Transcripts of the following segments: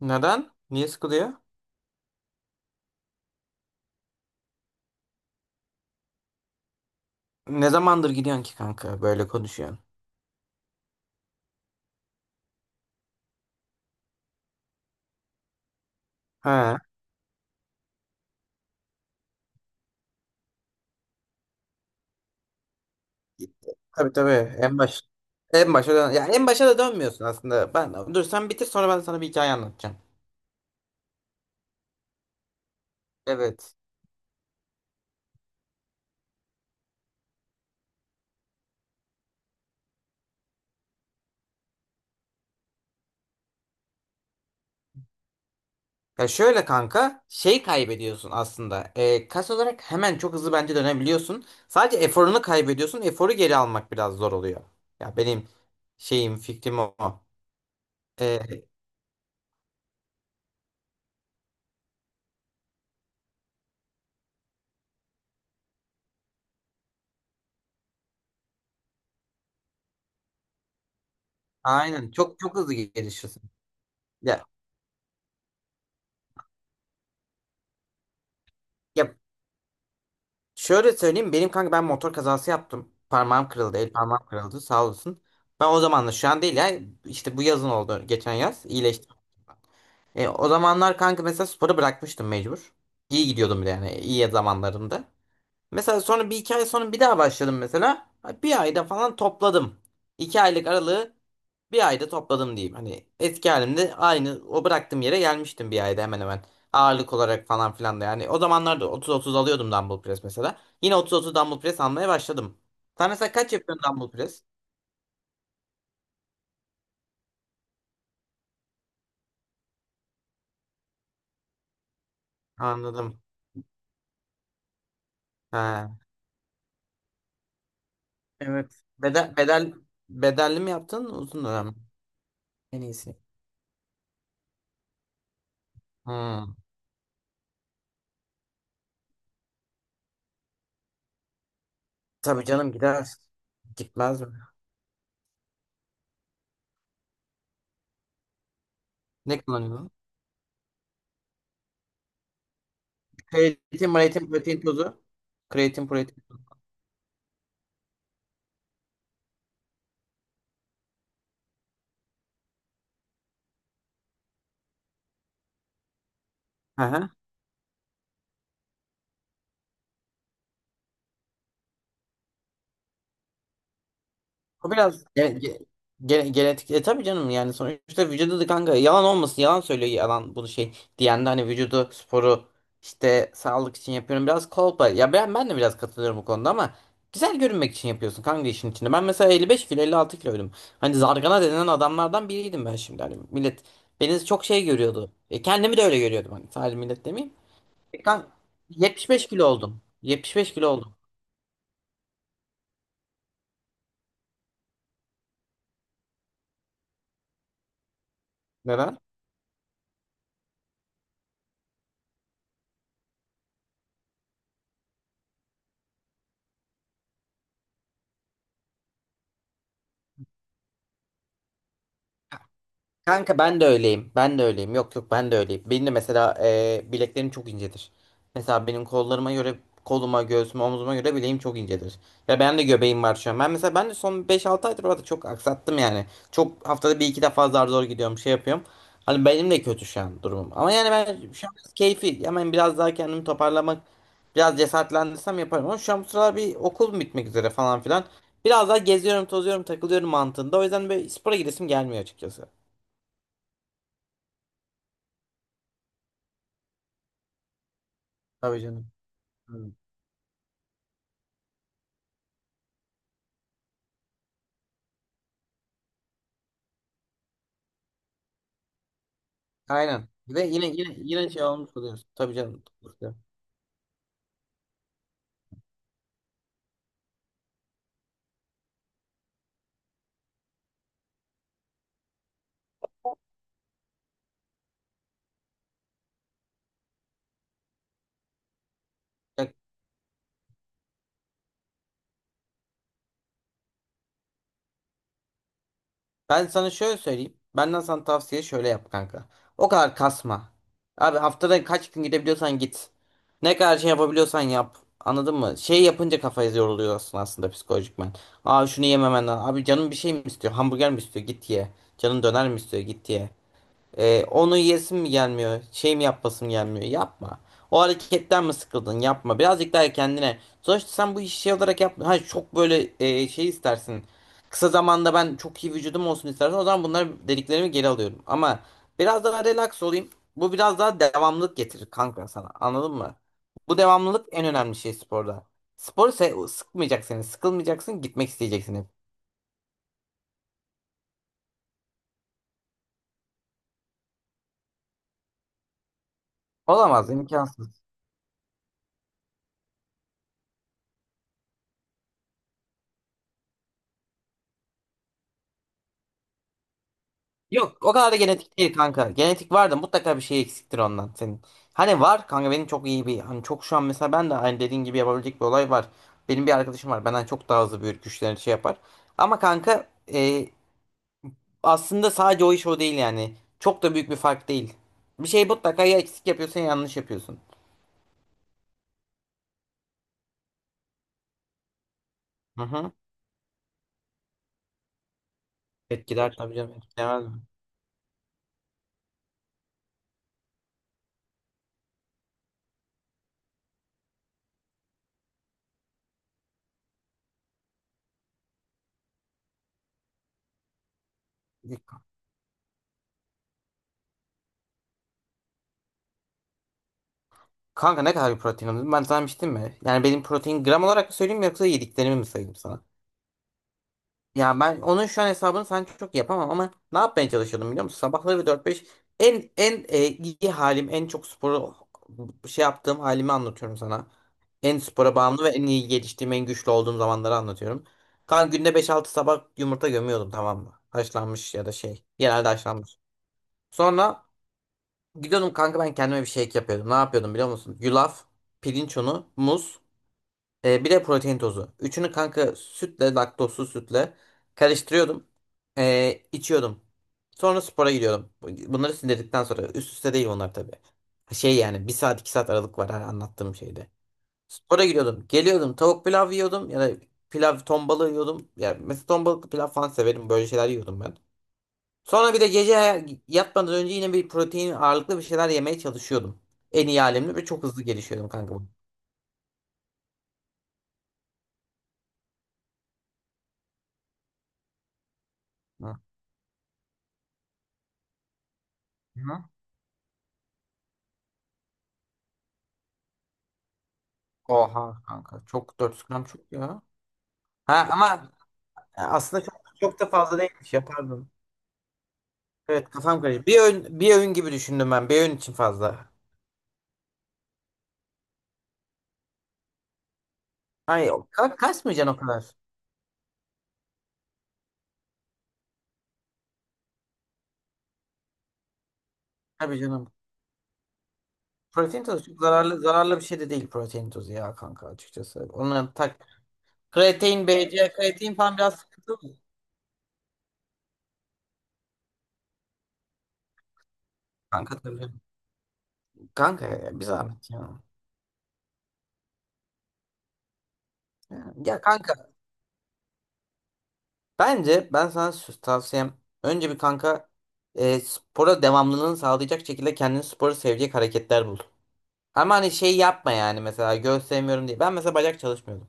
Neden? Niye sıkılıyor? Ne zamandır gidiyorsun ki kanka böyle konuşuyorsun? Ha. Tabii, tabii. en baş En başa dön ya, en başa da dönmüyorsun aslında. Ben, dur sen bitir, sonra ben sana bir hikaye anlatacağım. Evet. Ya şöyle kanka, şey kaybediyorsun aslında. Kas olarak hemen çok hızlı bence dönebiliyorsun. Sadece eforunu kaybediyorsun. Eforu geri almak biraz zor oluyor. Ya şeyim, fikrim o. E, aynen, çok çok hızlı gelişiyorsun. Ya, ya Şöyle söyleyeyim benim kanka, ben motor kazası yaptım. Parmağım kırıldı, el parmağım kırıldı sağ olsun. Ben o zaman da, şu an değil ya, işte bu yazın oldu, geçen yaz iyileştim. O zamanlar kanka mesela sporu bırakmıştım mecbur. İyi gidiyordum bir de yani, iyi zamanlarımda. Mesela sonra bir iki ay sonra bir daha başladım mesela. Bir ayda falan topladım. İki aylık aralığı bir ayda topladım diyeyim. Hani eski halimde, aynı o bıraktığım yere gelmiştim bir ayda, hemen hemen. Ağırlık olarak falan filan da yani. O zamanlarda 30-30 alıyordum dumbbell press mesela. Yine 30-30 dumbbell press almaya başladım. Sen mesela kaç yapıyorsun dumbbell press? Anladım. Ha. Evet. Bedelli mi yaptın, uzun dönem mi? En iyisi. Hmm. Tabii canım, gider. Gitmez mi? Ne kullanıyorsun? Kreatin, mreatin, protein tozu. Kreatin, protein tozu. O biraz genetik. E tabii canım, yani sonuçta vücudu da kanka, yalan olmasın, yalan söylüyor yalan bunu şey diyen de. Hani vücudu, sporu işte sağlık için yapıyorum, biraz kolpa. Ya ben de biraz katılıyorum bu konuda ama güzel görünmek için yapıyorsun kanka, işin içinde. Ben mesela 55 kilo, 56 kiloydum. Hani zargana denilen adamlardan biriydim ben. Şimdi hani millet beni çok şey görüyordu. E, kendimi de öyle görüyordum, hani sadece millet demeyeyim. Kanka 75 kilo oldum. 75 kilo oldum. Neden? Kanka ben de öyleyim. Ben de öyleyim. Yok yok, ben de öyleyim. Benim de mesela bileklerim çok incedir. Mesela benim kollarıma göre, koluma, göğsüme, omzuma göre bileğim çok incedir. Ve ben de göbeğim var şu an. Ben de son beş altı aydır orada çok aksattım yani. Çok, haftada bir iki defa zar zor gidiyorum, şey yapıyorum. Hani benim de kötü şu an durumum. Ama yani ben şu an biraz keyfi, hemen biraz daha kendimi toparlamak, biraz cesaretlendirsem yaparım. Ama şu an bu sıralar bir okul bitmek üzere falan filan. Biraz daha geziyorum, tozuyorum, takılıyorum mantığında. O yüzden böyle spora gidesim gelmiyor açıkçası. Tabii canım. Hı. Aynen. Ve yine şey olmuş oluyorsun. Tabii canım. Bak, ben sana şöyle söyleyeyim. Benden sana tavsiye, şöyle yap kanka. O kadar kasma. Abi haftada kaç gün gidebiliyorsan git. Ne kadar şey yapabiliyorsan yap. Anladın mı? Şey yapınca kafayı yoruluyorsun aslında, psikolojikmen. Aa, şunu yememen lazım. Abi canım bir şey mi istiyor? Hamburger mi istiyor? Git ye. Canın döner mi istiyor? Git ye. Onu yesim mi gelmiyor? Şey mi yapasım gelmiyor? Yapma. O hareketten mi sıkıldın? Yapma. Birazcık daha kendine. Sonuçta sen bu işi şey olarak yapma. Ha, çok böyle şey istersin. Kısa zamanda ben çok iyi vücudum olsun istersen, o zaman bunları dediklerimi geri alıyorum. Ama biraz daha relax olayım. Bu biraz daha devamlılık getirir kanka sana. Anladın mı? Bu devamlılık en önemli şey sporda. Sporu sıkmayacak seni. Sıkılmayacaksın. Gitmek isteyeceksin hep. Olamaz, imkansız. Yok, o kadar da genetik değil kanka. Genetik var da mutlaka bir şey eksiktir ondan senin. Hani var kanka, benim çok iyi bir, hani çok, şu an mesela ben de hani dediğin gibi yapabilecek bir olay var. Benim bir arkadaşım var, benden çok daha hızlı büyür, güçlerini şey yapar. Ama kanka e, aslında sadece o iş o değil yani. Çok da büyük bir fark değil. Bir şey mutlaka ya eksik yapıyorsun ya yanlış yapıyorsun. Hı hı. Etkiler tabii canım, etkilemez mi? Kanka ne kadar bir protein alıyorsun? Ben sana demiştim mi? Yani benim protein, gram olarak mı söyleyeyim yoksa yediklerimi mi sayayım sana? Ya ben onun şu an hesabını sen çok yapamam, ama ne yapmaya çalışıyordum biliyor musun? Sabahları dört beş, iyi halim, en çok sporu şey yaptığım halimi anlatıyorum sana. En spora bağımlı ve en iyi geliştiğim, en güçlü olduğum zamanları anlatıyorum. Kan günde beş altı sabah yumurta gömüyordum, tamam mı? Haşlanmış ya da şey. Genelde haşlanmış. Sonra gidiyordum kanka, ben kendime bir şey yapıyordum. Ne yapıyordum biliyor musun? Yulaf, pirinç unu, muz. Bir de protein tozu. Üçünü kanka sütle, laktozsuz sütle karıştırıyordum. İçiyordum. Sonra spora gidiyordum. Bunları sindirdikten sonra, üst üste değil bunlar tabii. Şey yani bir saat iki saat aralık var her anlattığım şeyde. Spora gidiyordum. Geliyordum tavuk pilav yiyordum ya da pilav ton balığı yiyordum. Ya mesela ton balıklı pilav falan severim. Böyle şeyler yiyordum ben. Sonra bir de gece yatmadan önce yine bir protein ağırlıklı bir şeyler yemeye çalışıyordum. En iyi halimle, ve çok hızlı gelişiyordum kanka. Bu. Hı. Hı. Oha kanka. Çok, 400 gram çok ya. Ha ama aslında çok da fazla değilmiş ya, pardon. Evet, kafam karıştı. Bir öğün gibi düşündüm ben. Bir öğün için fazla. Hayır, kasmayacaksın o kadar. Tabii canım. Protein tozu çok zararlı bir şey de değil protein tozu ya kanka, açıkçası. Onların kreatin, BCA, kreatin falan biraz sıkıntı mı? Kanka tabii. Kanka ya, bir zahmet ya. Ya, ya kanka Bence ben sana tavsiyem, önce bir kanka spora devamlılığını sağlayacak şekilde kendini, sporu sevecek hareketler bul. Ama hani şey yapma, yani mesela göğüs sevmiyorum diye. Ben mesela bacak çalışmıyordum.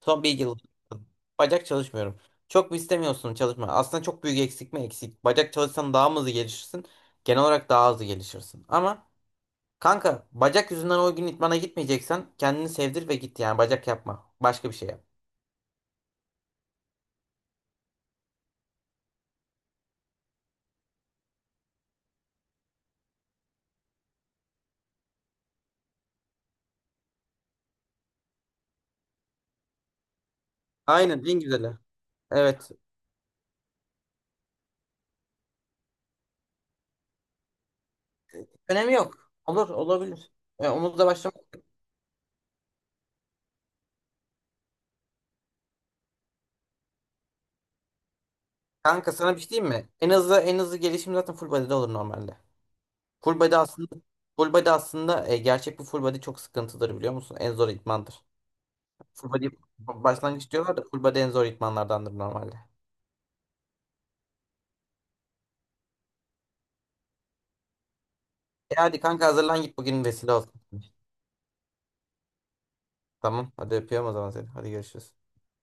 Son bir yıl bacak çalışmıyorum. Çok mu istemiyorsun çalışma? Aslında çok büyük eksik? Bacak çalışsan daha mı hızlı gelişirsin? Genel olarak daha hızlı gelişirsin. Ama kanka bacak yüzünden o gün idmana gitmeyeceksen, kendini sevdir ve git, yani bacak yapma. Başka bir şey yap. Aynen, en güzeli. Evet. Önemi yok. Olur, olabilir. Omuzla başlamak. Kanka sana bir şey diyeyim mi? En hızlı gelişim zaten full body'de olur normalde. Full body aslında Full body aslında gerçek bir full body çok sıkıntıdır biliyor musun? En zor idmandır. Full body başlangıç diyorlar da, full body en zor idmanlardandır normalde. E hadi kanka hazırlan, git bugün vesile olsun. Tamam hadi, öpüyorum o zaman seni. Hadi görüşürüz.